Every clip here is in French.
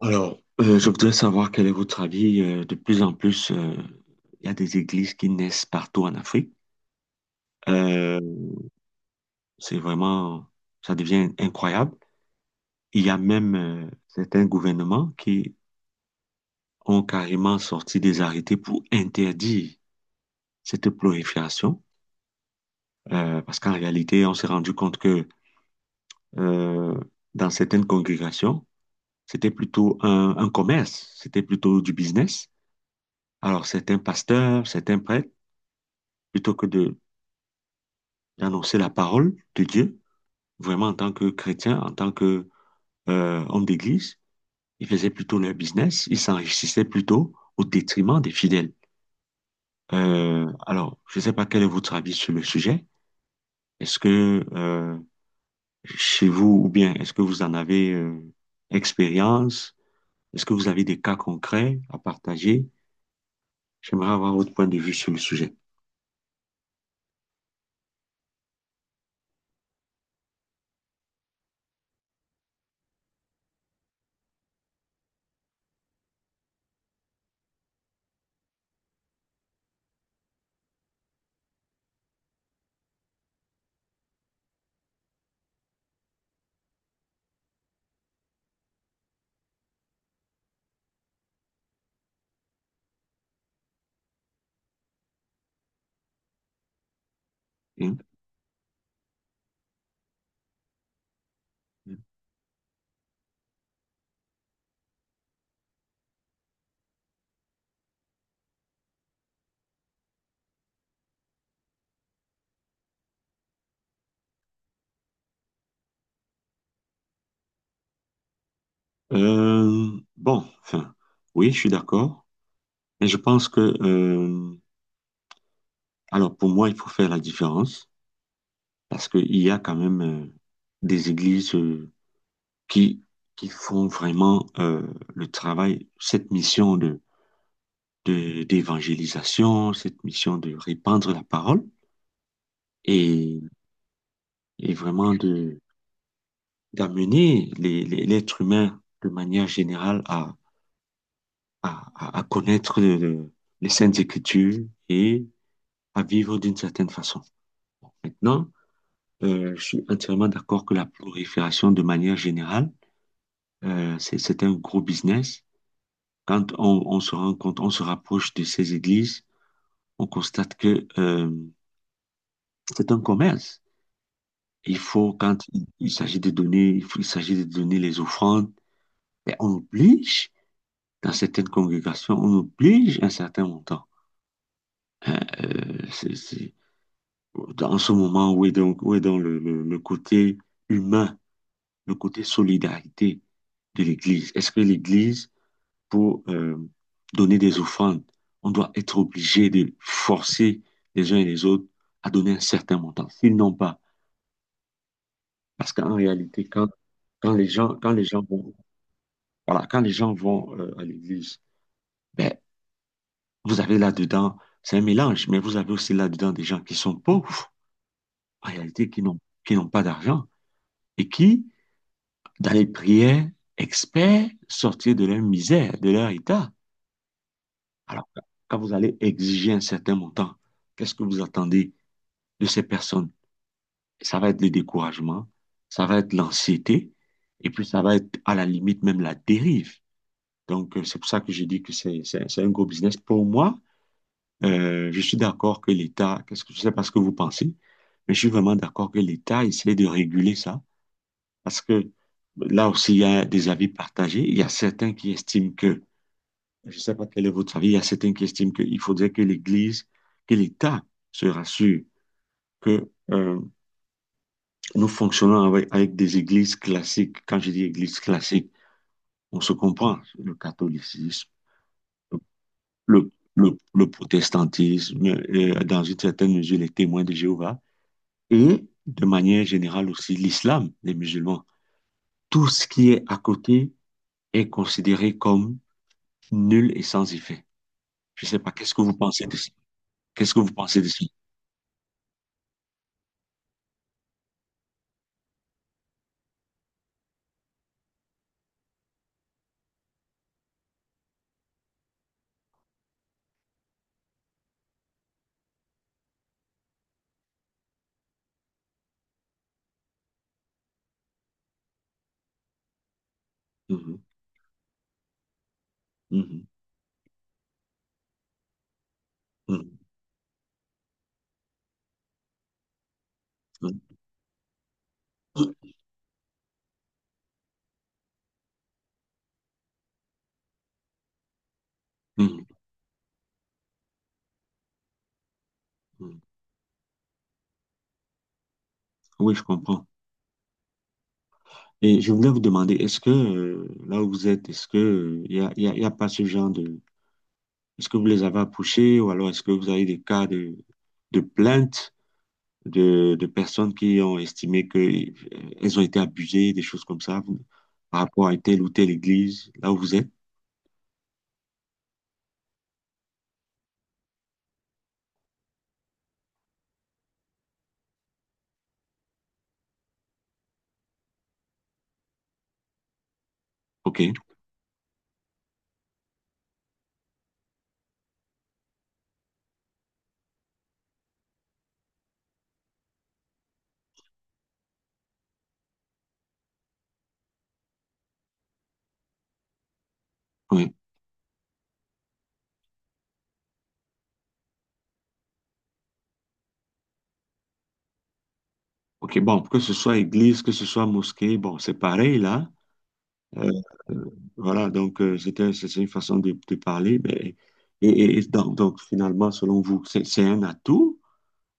Alors, je voudrais savoir quel est votre avis. De plus en plus, il y a des églises qui naissent partout en Afrique. Euh, c'est vraiment, ça devient incroyable. Il y a même certains gouvernements qui ont carrément sorti des arrêtés pour interdire cette prolifération, parce qu'en réalité, on s'est rendu compte que euh, dans certaines congrégations, c'était plutôt un commerce, c'était plutôt du business. Alors, certains pasteurs, certains prêtres, plutôt que de d'annoncer la parole de Dieu, vraiment en tant que chrétien, en tant que homme d'église. Ils faisaient plutôt leur business, ils s'enrichissaient plutôt au détriment des fidèles. Alors, je ne sais pas quel est votre avis sur le sujet. Est-ce que chez vous, ou bien est-ce que vous en avez expérience? Est-ce que vous avez des cas concrets à partager? J'aimerais avoir votre point de vue sur le sujet. Hein? Bon, enfin, oui, je suis d'accord, mais je pense que alors pour moi, il faut faire la différence parce qu'il y a quand même des églises qui, qui font vraiment le travail, cette mission d'évangélisation, cette mission de répandre la parole et, et vraiment de, d'amener l'être humain de manière générale à, à connaître les Saintes Écritures et à vivre d'une certaine façon. Maintenant, je suis entièrement d'accord que la prolifération de manière générale c'est un gros business. Quand on se rend compte, on se rapproche de ces églises, on constate que c'est un commerce. Il faut, quand il s'agit de donner, il s'agit de donner les offrandes, ben, on oblige, dans certaines congrégations, on oblige un certain montant. Hein, dans ce moment où est donc le, le côté humain, le côté solidarité de l'Église? Est-ce que l'Église pour donner des offrandes. On doit être obligé de forcer les uns et les autres à donner un certain montant. S'ils n'ont pas, parce qu'en réalité, quand les gens vont, voilà, quand les gens vont à l'église, ben, vous avez là-dedans, c'est un mélange, mais vous avez aussi là-dedans des gens qui sont pauvres, en réalité, qui n'ont pas d'argent et qui, dans les prières, experts sortir de leur misère, de leur état. Alors, quand vous allez exiger un certain montant, qu'est-ce que vous attendez de ces personnes, ça va être le découragement, ça va être l'anxiété, et puis ça va être à la limite même la dérive. Donc, c'est pour ça que je dis que c'est un gros business. Pour moi, je suis d'accord que l'État, qu'est-ce que je sais pas ce que vous pensez, mais je suis vraiment d'accord que l'État essaie de réguler ça, parce que là aussi, il y a des avis partagés. Il y a certains qui estiment que, je ne sais pas quel est votre avis, il y a certains qui estiment qu'il faudrait que l'Église, que l'État se rassure que nous fonctionnons avec, avec des églises classiques. Quand je dis église classique, on se comprend. Le catholicisme, le protestantisme, dans une certaine mesure, les témoins de Jéhovah, et de manière générale aussi l'islam des musulmans. Tout ce qui est à côté est considéré comme nul et sans effet. Je ne sais pas, qu'est-ce que vous pensez de ça? Qu'est-ce que vous pensez de ça? Mhm, mhm, mhm, mhm, mhm, mhm. Oui, je comprends. Et je voulais vous demander, est-ce que là où vous êtes, est-ce que il y a, y a pas ce genre de... Est-ce que vous les avez approchés ou alors est-ce que vous avez des cas de plaintes de personnes qui ont estimé que elles ont été abusées, des choses comme ça, vous- par rapport à telle ou telle église, là où vous êtes? OK, oui. OK, bon, que ce soit église, que ce soit mosquée, bon, c'est pareil là. Euh, voilà, donc c'était, c'est une façon de parler. Mais, donc, finalement, selon vous, c'est un atout?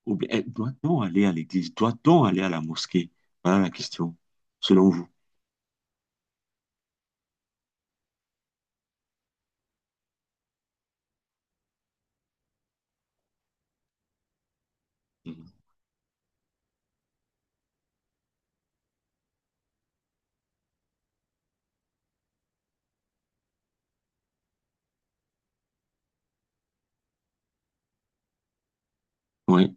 Ou bien, eh, doit-on aller à l'église? Doit-on aller à la mosquée? Voilà la question, selon vous. Mhm. Oui,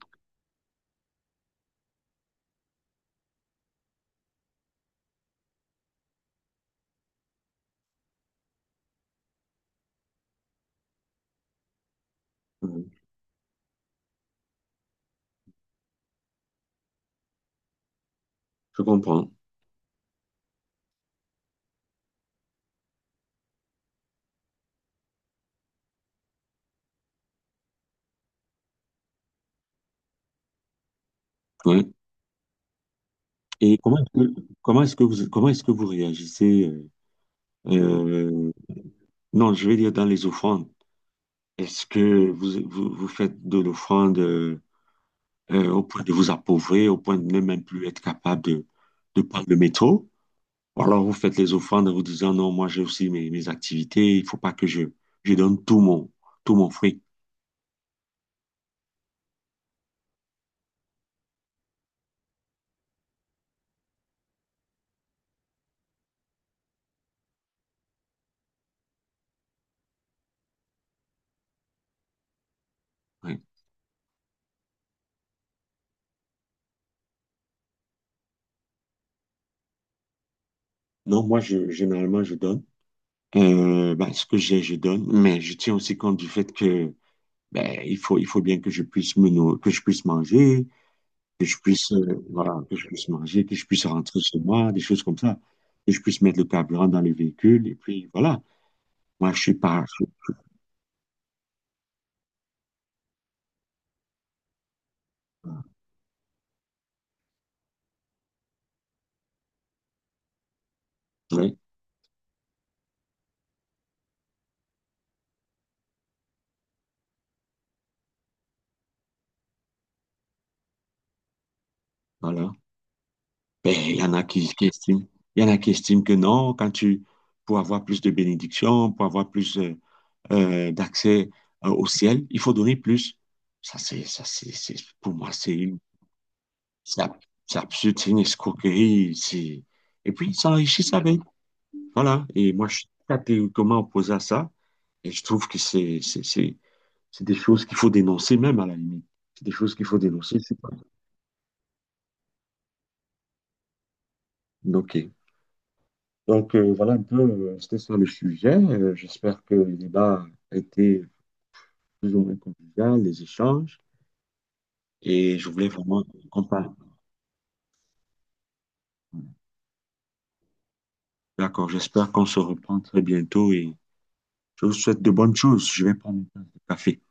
oui, je comprends. Oui. Et comment est-ce que vous, comment est-ce que vous réagissez? Euh, non, je vais dire dans les offrandes. Est-ce que vous faites de l'offrande au point de vous appauvrir, au point de ne même plus être capable de prendre le métro? Ou alors vous faites les offrandes en vous disant non, moi j'ai aussi mes, mes activités, il faut pas que je donne tout mon fruit. Oui. Non, moi, je, généralement, je donne. Ben, ce que j'ai, je donne. Mais je tiens aussi compte du fait que ben, il faut bien que je puisse me, que je puisse manger, que je puisse, voilà, que je puisse manger, que je puisse rentrer chez moi, des choses comme ça. Que je puisse mettre le carburant dans le véhicule. Et puis, voilà. Moi, je suis pas- ouais, voilà. Ben, il y en a qui estiment, il y en a qui estiment que non, quand tu, pour avoir plus de bénédictions, pour avoir plus, d'accès au ciel. Il faut donner plus. C'est- pour moi, c'est ab- c'est absurde, c'est une escroquerie. C'est- Et puis, ils s'enrichissent avec. Voilà. Et moi, je suis catégoriquement opposé à ça. Et je trouve que c'est des choses qu'il faut dénoncer, même à la limite. C'est des choses qu'il faut dénoncer. C'est pas... OK. Donc, voilà un peu, c'était ça le sujet. J'espère que le débat a été plus ou moins convivial, les échanges. Et je voulais vraiment qu'on parle. D'accord, j'espère qu'on se reprend très bientôt et je vous souhaite de bonnes choses. Je vais prendre une tasse de café.